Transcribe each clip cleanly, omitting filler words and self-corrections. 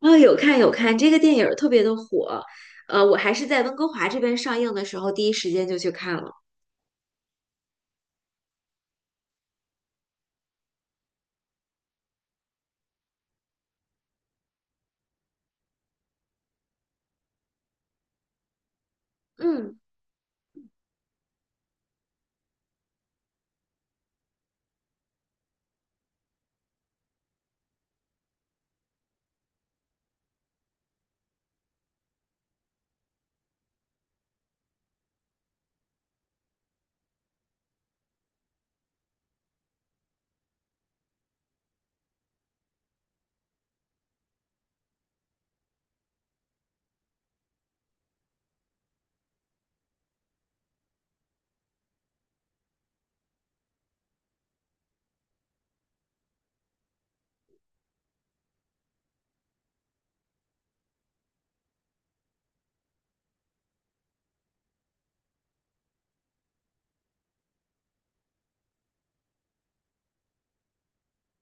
啊、有看有看，这个电影儿特别的火，我还是在温哥华这边上映的时候，第一时间就去看了。嗯。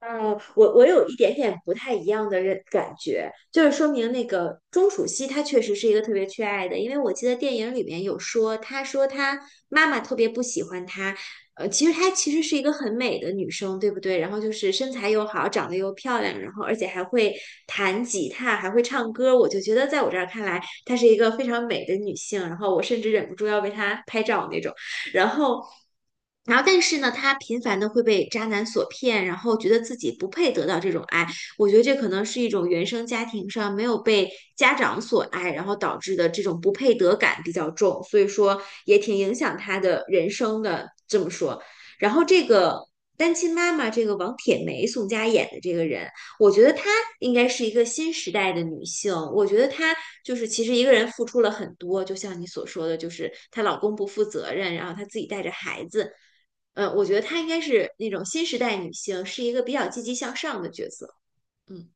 嗯我有一点点不太一样的感觉，就是说明那个钟楚曦她确实是一个特别缺爱的，因为我记得电影里面有说，她说她妈妈特别不喜欢她，其实她其实是一个很美的女生，对不对？然后就是身材又好，长得又漂亮，然后而且还会弹吉他，还会唱歌，我就觉得在我这儿看来，她是一个非常美的女性，然后我甚至忍不住要为她拍照那种。然后。然后，但是呢，她频繁的会被渣男所骗，然后觉得自己不配得到这种爱。我觉得这可能是一种原生家庭上没有被家长所爱，然后导致的这种不配得感比较重，所以说也挺影响她的人生的。这么说，然后这个单亲妈妈，这个王铁梅、宋佳演的这个人，我觉得她应该是一个新时代的女性。我觉得她就是其实一个人付出了很多，就像你所说的，就是她老公不负责任，然后她自己带着孩子。嗯，我觉得她应该是那种新时代女性，是一个比较积极向上的角色。嗯。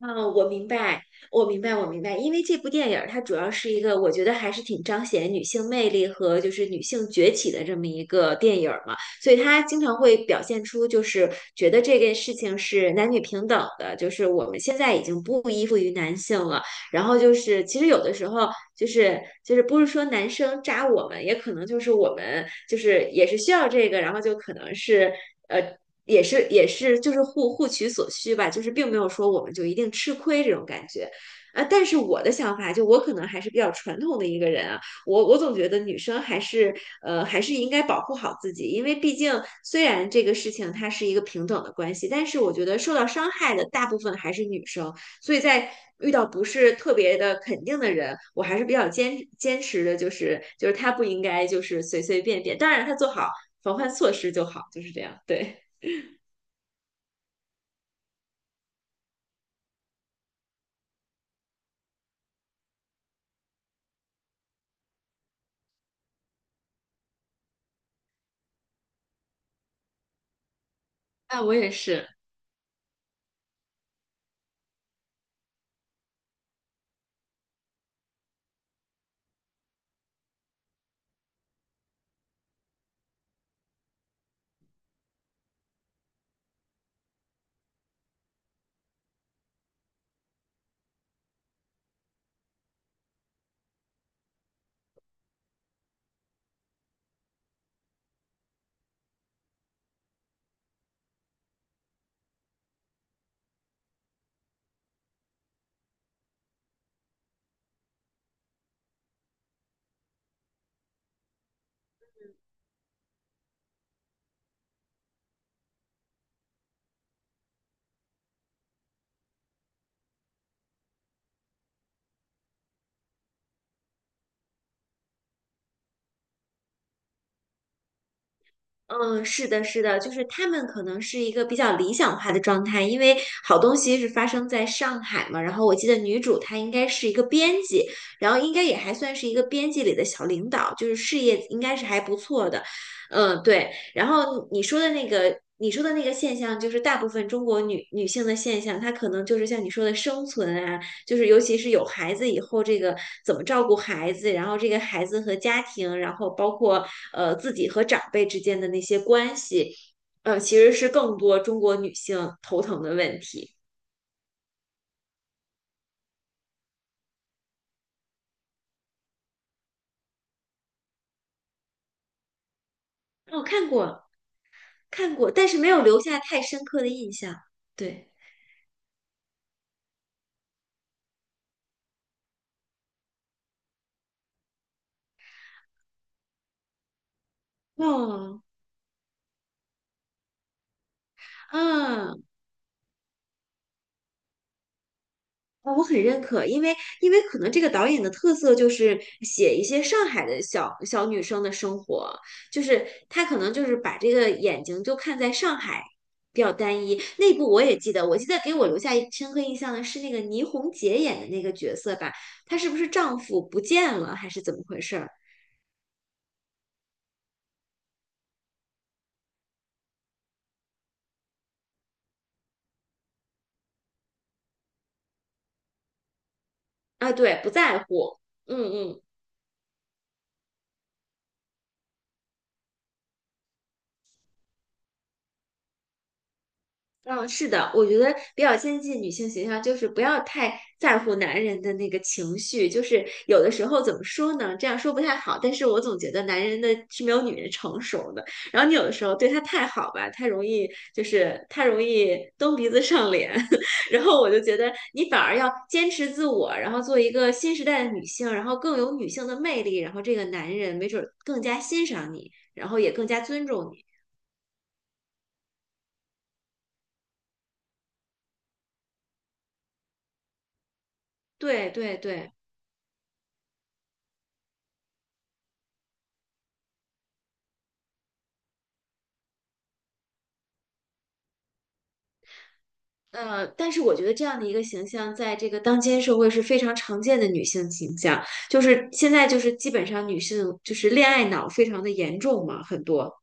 嗯，我明白，我明白，我明白。因为这部电影儿它主要是一个，我觉得还是挺彰显女性魅力和就是女性崛起的这么一个电影儿嘛，所以它经常会表现出就是觉得这件事情是男女平等的，就是我们现在已经不依附于男性了。然后就是其实有的时候就是不是说男生渣我们，也可能就是我们就是也是需要这个，然后就可能是。呃。也是就是互取所需吧，就是并没有说我们就一定吃亏这种感觉。啊，但是我的想法就我可能还是比较传统的一个人啊，我总觉得女生还是应该保护好自己，因为毕竟虽然这个事情它是一个平等的关系，但是我觉得受到伤害的大部分还是女生，所以在遇到不是特别的肯定的人，我还是比较坚持的，就是他不应该就是随随便便，当然他做好防范措施就好，就是这样，对。哎，我也是。嗯，是的，是的，就是他们可能是一个比较理想化的状态，因为好东西是发生在上海嘛。然后我记得女主她应该是一个编辑，然后应该也还算是一个编辑里的小领导，就是事业应该是还不错的。嗯，对。然后你说的那个现象，就是大部分中国女性的现象，她可能就是像你说的生存啊。就是尤其是有孩子以后，这个怎么照顾孩子，然后这个孩子和家庭，然后包括自己和长辈之间的那些关系，其实是更多中国女性头疼的问题。哦，看过看过，但是没有留下太深刻的印象。对，哦，嗯。啊，我很认可，因为可能这个导演的特色就是写一些上海的小小女生的生活，就是他可能就是把这个眼睛就看在上海比较单一。那部我也记得，我记得给我留下一深刻印象的是那个倪虹洁演的那个角色吧，她是不是丈夫不见了还是怎么回事儿？啊，对，不在乎，嗯嗯嗯嗯，是的，我觉得比较先进女性形象就是不要太在乎男人的那个情绪，就是有的时候怎么说呢？这样说不太好，但是我总觉得男人的是没有女人成熟的。然后你有的时候对他太好吧，太容易就是他容易蹬鼻子上脸，然后我就觉得你反而要坚持自我，然后做一个新时代的女性，然后更有女性的魅力，然后这个男人没准儿更加欣赏你，然后也更加尊重你。对对对。但是我觉得这样的一个形象，在这个当今社会是非常常见的女性形象，就是现在就是基本上女性就是恋爱脑非常的严重嘛，很多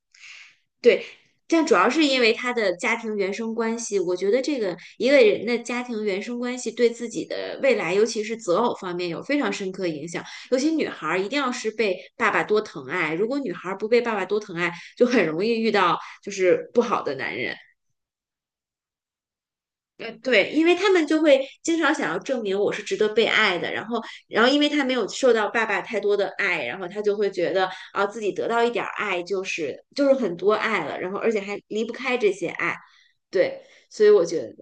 对，但主要是因为她的家庭原生关系，我觉得这个一个人的家庭原生关系对自己的未来，尤其是择偶方面有非常深刻影响，尤其女孩儿一定要是被爸爸多疼爱，如果女孩儿不被爸爸多疼爱，就很容易遇到就是不好的男人。对，因为他们就会经常想要证明我是值得被爱的，然后，然后因为他没有受到爸爸太多的爱，然后他就会觉得啊，自己得到一点儿爱就是就是很多爱了，然后而且还离不开这些爱，对，所以我觉得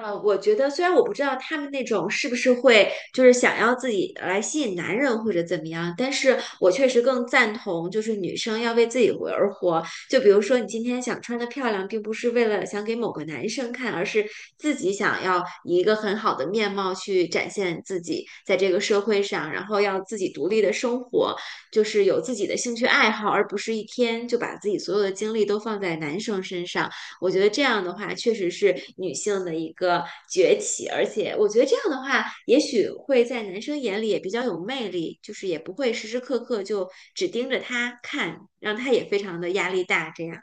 虽然我不知道他们那种是不是会就是想要自己来吸引男人或者怎么样，但是我确实更赞同就是女生要为自己活而活。就比如说你今天想穿的漂亮，并不是为了想给某个男生看，而是自己想要以一个很好的面貌去展现自己在这个社会上，然后要自己独立的生活，就是有自己的兴趣爱好，而不是一天就把自己所有的精力都放在男生身上。我觉得这样的话，确实是女性的一个崛起，而且我觉得这样的话，也许会在男生眼里也比较有魅力，就是也不会时时刻刻就只盯着他看，让他也非常的压力大这样。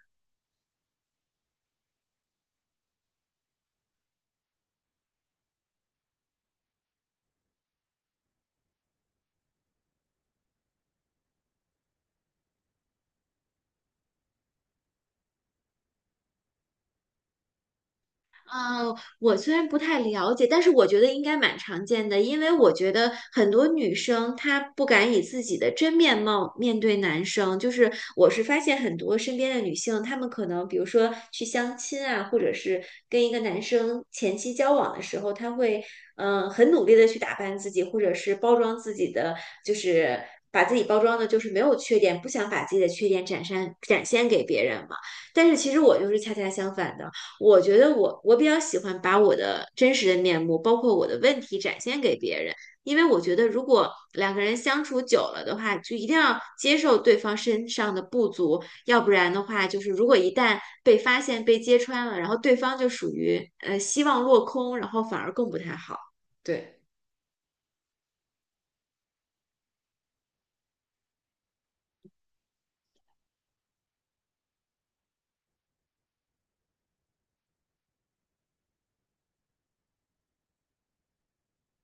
我虽然不太了解，但是我觉得应该蛮常见的，因为我觉得很多女生她不敢以自己的真面貌面对男生，就是我是发现很多身边的女性，她们可能比如说去相亲啊，或者是跟一个男生前期交往的时候，她会很努力的去打扮自己，或者是包装自己的，就是把自己包装的就是没有缺点，不想把自己的缺点展现展现给别人嘛。但是其实我就是恰恰相反的。我觉得我比较喜欢把我的真实的面目，包括我的问题展现给别人，因为我觉得如果两个人相处久了的话，就一定要接受对方身上的不足，要不然的话，就是如果一旦被发现、被揭穿了，然后对方就属于希望落空，然后反而更不太好。对，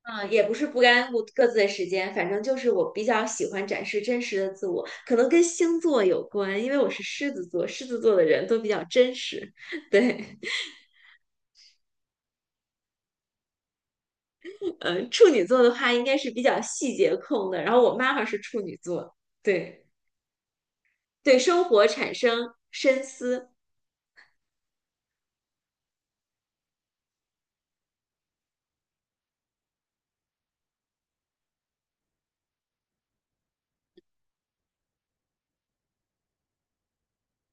嗯，也不是不干顾各自的时间，反正就是我比较喜欢展示真实的自我，可能跟星座有关，因为我是狮子座，狮子座的人都比较真实。对。处女座的话应该是比较细节控的，然后我妈妈是处女座，对对，生活产生深思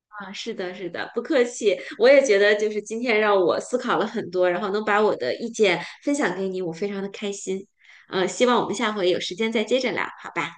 啊，是的，是的，不客气，我也觉得就是今天让我思考了很多，然后能把我的意见分享给你，我非常的开心，希望我们下回有时间再接着聊，好吧？